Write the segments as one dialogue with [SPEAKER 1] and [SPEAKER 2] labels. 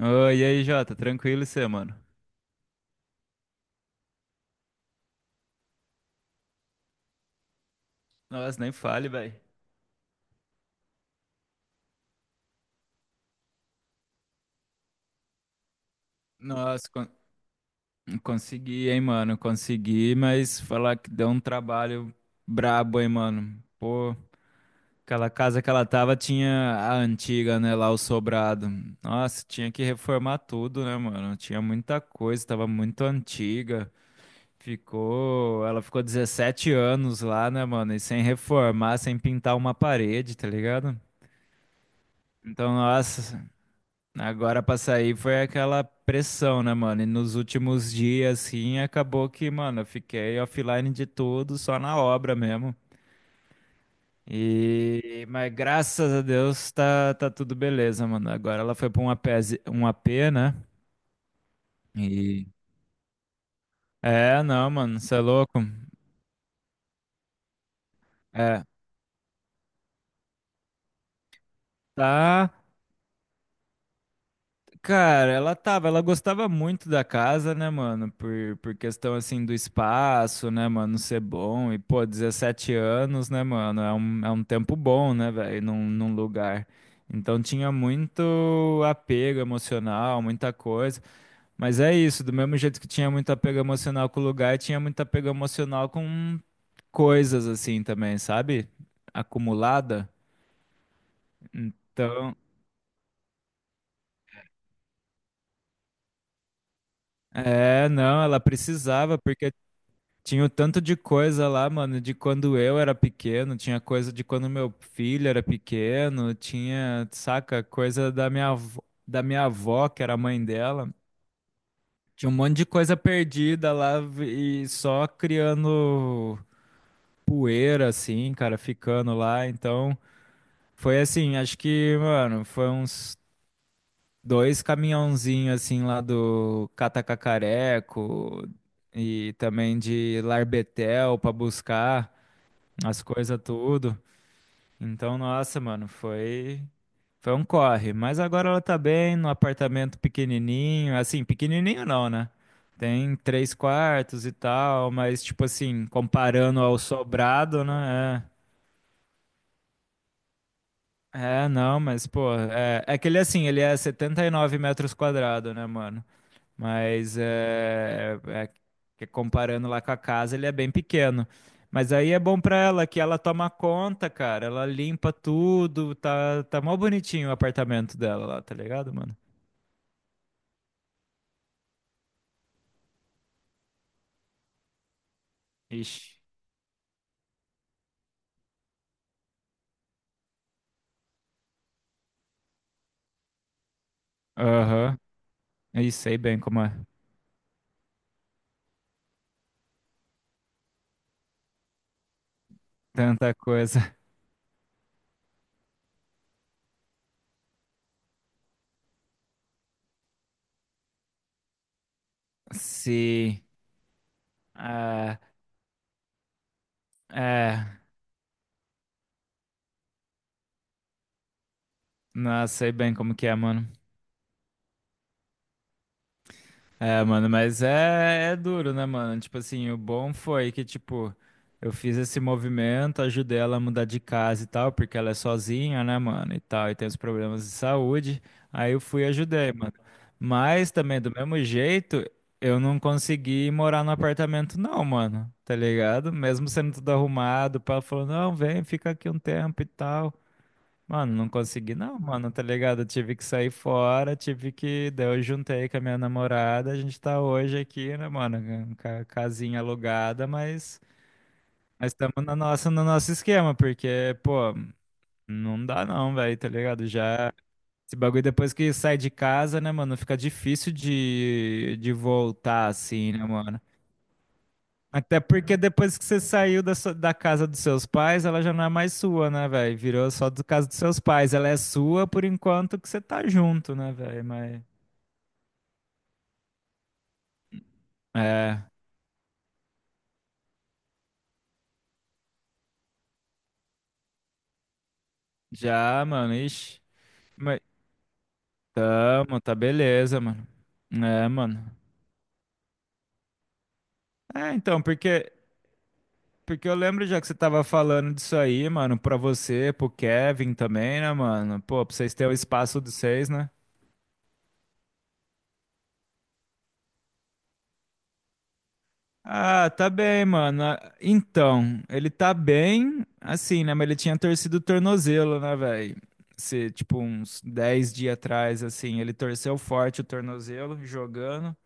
[SPEAKER 1] Oi, e aí, Jota, tranquilo e você, mano? Nossa, nem fale, velho. Nossa, consegui, hein, mano? Consegui, mas falar que deu um trabalho brabo, hein, mano? Pô, aquela casa que ela tava tinha a antiga, né, lá o sobrado. Nossa, tinha que reformar tudo, né, mano? Tinha muita coisa, tava muito antiga. Ela ficou 17 anos lá, né, mano? E sem reformar, sem pintar uma parede, tá ligado? Então, nossa. Agora pra sair foi aquela pressão, né, mano? E nos últimos dias, assim, acabou que, mano, eu fiquei offline de tudo, só na obra mesmo. E, mas graças a Deus tá tudo beleza, mano. Agora ela foi pra um AP, um AP, né? E. É, não, mano, você é louco. É, tá. Cara, ela tava, ela gostava muito da casa, né, mano? Por questão assim do espaço, né, mano, ser bom. E, pô, 17 anos, né, mano? É um tempo bom, né, velho, num lugar. Então tinha muito apego emocional, muita coisa. Mas é isso, do mesmo jeito que tinha muito apego emocional com o lugar, tinha muito apego emocional com coisas assim também, sabe? Acumulada. Então. É, não, ela precisava, porque tinha o tanto de coisa lá, mano, de quando eu era pequeno, tinha coisa de quando meu filho era pequeno, tinha, saca, coisa da minha avó, que era a mãe dela. Tinha um monte de coisa perdida lá e só criando poeira, assim, cara, ficando lá. Então, foi assim, acho que, mano, foi uns dois caminhãozinhos, assim, lá do Catacacareco e também de Larbetel pra buscar as coisas tudo. Então, nossa, mano, foi um corre, mas agora ela tá bem no apartamento pequenininho, assim, pequenininho não, né? Tem três quartos e tal, mas tipo assim, comparando ao sobrado, né? É não, mas pô, é que ele assim, ele é 79 metros quadrados, né, mano? Mas é que comparando lá com a casa, ele é bem pequeno. Mas aí é bom pra ela que ela toma conta, cara. Ela limpa tudo, tá mó bonitinho o apartamento dela lá, tá ligado, mano? Ixi. Aham. Ih, sei bem como é. Tanta coisa. Sim. Ah, é. Não, sei bem como que é, mano. É, mano, mas é duro, né, mano? Tipo assim, o bom foi que, tipo, eu fiz esse movimento, ajudei ela a mudar de casa e tal, porque ela é sozinha, né, mano, e tal, e tem os problemas de saúde. Aí eu fui e ajudei, mano. Mas também, do mesmo jeito, eu não consegui morar no apartamento, não, mano, tá ligado? Mesmo sendo tudo arrumado, o pai falou, não, vem, fica aqui um tempo e tal. Mano, não consegui não, mano, tá ligado? Eu tive que sair fora, tive que. Daí eu juntei com a minha namorada, a gente tá hoje aqui, né, mano? Casinha alugada, mas estamos na nossa, no nosso esquema, porque, pô, não dá não, velho, tá ligado? Já. Esse bagulho depois que sai de casa, né, mano? Fica difícil de voltar assim, né, mano? Até porque depois que você saiu da casa dos seus pais, ela já não é mais sua, né, velho? Virou só do casa dos seus pais. Ela é sua por enquanto que você tá junto, né, velho? Mas. É. Já, mano. Ixi. Mas. Tamo, tá beleza, mano. É, mano. É, então, porque. Porque eu lembro já que você tava falando disso aí, mano, pra você, pro Kevin também, né, mano? Pô, pra vocês terem o espaço dos seis, né? Ah, tá bem, mano. Ah, então, ele tá bem, assim, né? Mas ele tinha torcido o tornozelo, né, velho? Se, tipo, uns 10 dias atrás, assim, ele torceu forte o tornozelo jogando.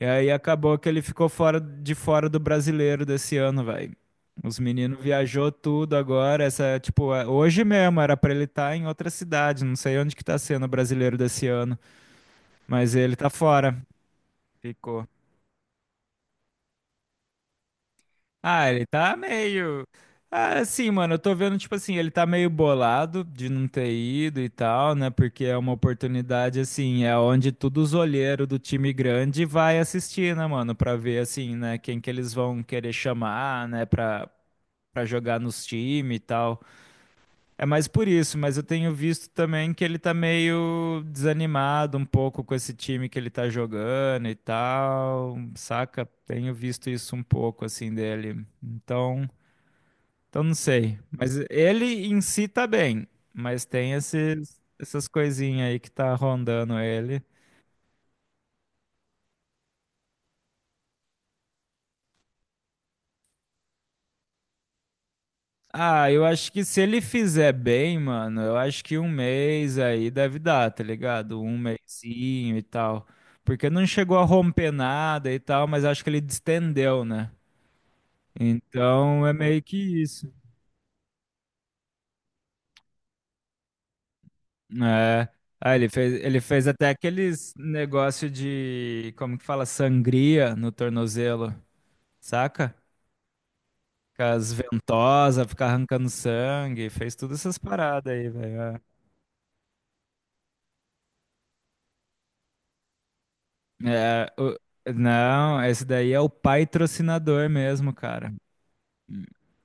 [SPEAKER 1] E aí acabou que ele ficou fora do brasileiro desse ano, velho. Os meninos viajou tudo agora. Essa, tipo, hoje mesmo era pra ele estar em outra cidade. Não sei onde que tá sendo o brasileiro desse ano, mas ele tá fora. Ficou. Ah, ele tá meio. Ah, sim, mano, eu tô vendo, tipo assim, ele tá meio bolado de não ter ido e tal, né? Porque é uma oportunidade, assim, é onde todos os olheiros do time grande vai assistir, né, mano? Pra ver, assim, né, quem que eles vão querer chamar, né, pra, pra jogar nos times e tal. É mais por isso, mas eu tenho visto também que ele tá meio desanimado um pouco com esse time que ele tá jogando e tal, saca? Tenho visto isso um pouco, assim, dele. Então. Então não sei. Mas ele em si tá bem. Mas tem esses, essas coisinhas aí que tá rondando ele. Ah, eu acho que se ele fizer bem, mano, eu acho que um mês aí deve dar, tá ligado? Um mesinho e tal. Porque não chegou a romper nada e tal, mas acho que ele distendeu, né? Então é meio que isso. É. Ah, ele fez até aqueles negócio de, como que fala, sangria no tornozelo, saca? Com as ventosas, ficar arrancando sangue, fez todas essas paradas aí, velho. É, É, o- não, esse daí é o patrocinador mesmo, cara.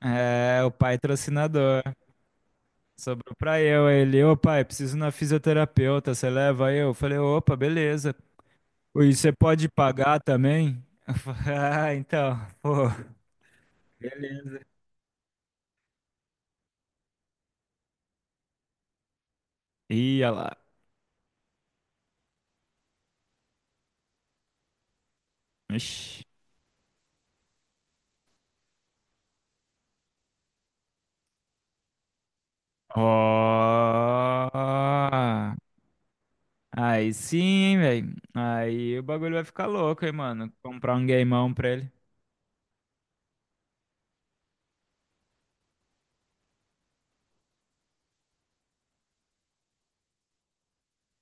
[SPEAKER 1] É, o patrocinador. Sobrou pra eu, aí ele, ô pai, preciso ir na fisioterapeuta, você leva eu? Eu falei, opa, beleza. E você pode pagar também? Eu falei, ah, então, pô, beleza. Ia lá. Ixi. Ó. Aí sim, hein, velho. Aí o bagulho vai ficar louco, hein, mano. Comprar um gameão pra ele.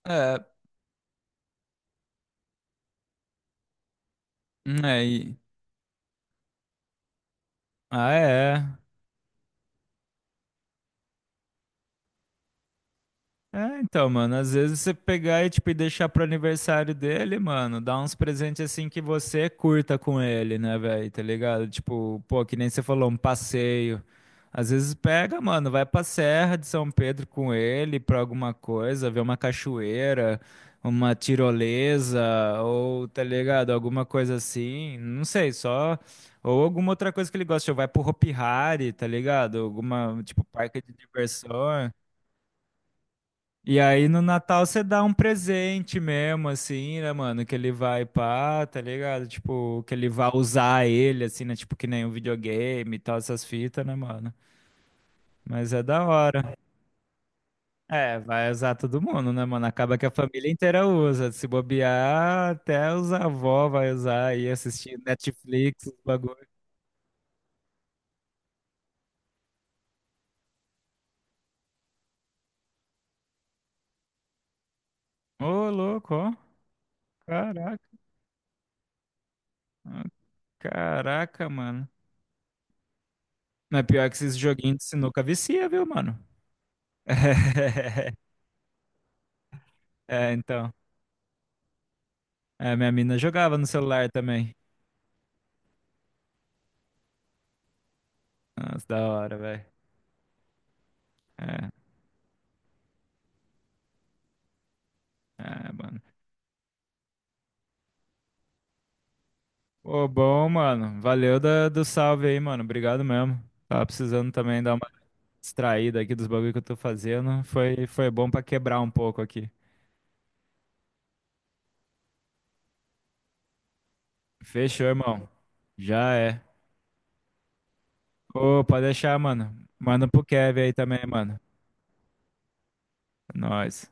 [SPEAKER 1] É, né? Aí. Ah, é. É, então, mano, às vezes você pegar e, tipo, e deixar pro aniversário dele, mano, dar uns presentes assim que você curta com ele, né, velho, tá ligado? Tipo, pô, que nem você falou, um passeio. Às vezes pega, mano, vai pra Serra de São Pedro com ele pra alguma coisa, ver uma cachoeira, uma tirolesa, ou, tá ligado, alguma coisa assim, não sei, só... Ou alguma outra coisa que ele gosta, tipo, vai pro Hopi Hari, tá ligado? Alguma, tipo, parque de diversões. E aí no Natal você dá um presente mesmo, assim, né, mano? Que ele vai pá, tá ligado? Tipo, que ele vai usar ele, assim, né? Tipo, que nem um videogame e tal, essas fitas, né, mano? Mas é da hora. É, vai usar todo mundo, né, mano? Acaba que a família inteira usa. Se bobear, até os avós vai usar aí, assistir Netflix, os bagulho. Ô, louco, ó. Caraca. Ó, caraca, mano. Mas pior que esses joguinhos de sinuca vicia, viu, mano? É, então. É, minha mina jogava no celular também. Nossa, da hora, velho. É, mano. Ô, bom, mano. Valeu do salve aí, mano. Obrigado mesmo. Tava precisando também dar uma distraída aqui dos bagulho que eu tô fazendo. Foi bom pra quebrar um pouco aqui. Fechou, irmão. Já é. Ô, pode deixar, mano. Manda pro Kevin aí também, mano. Nós.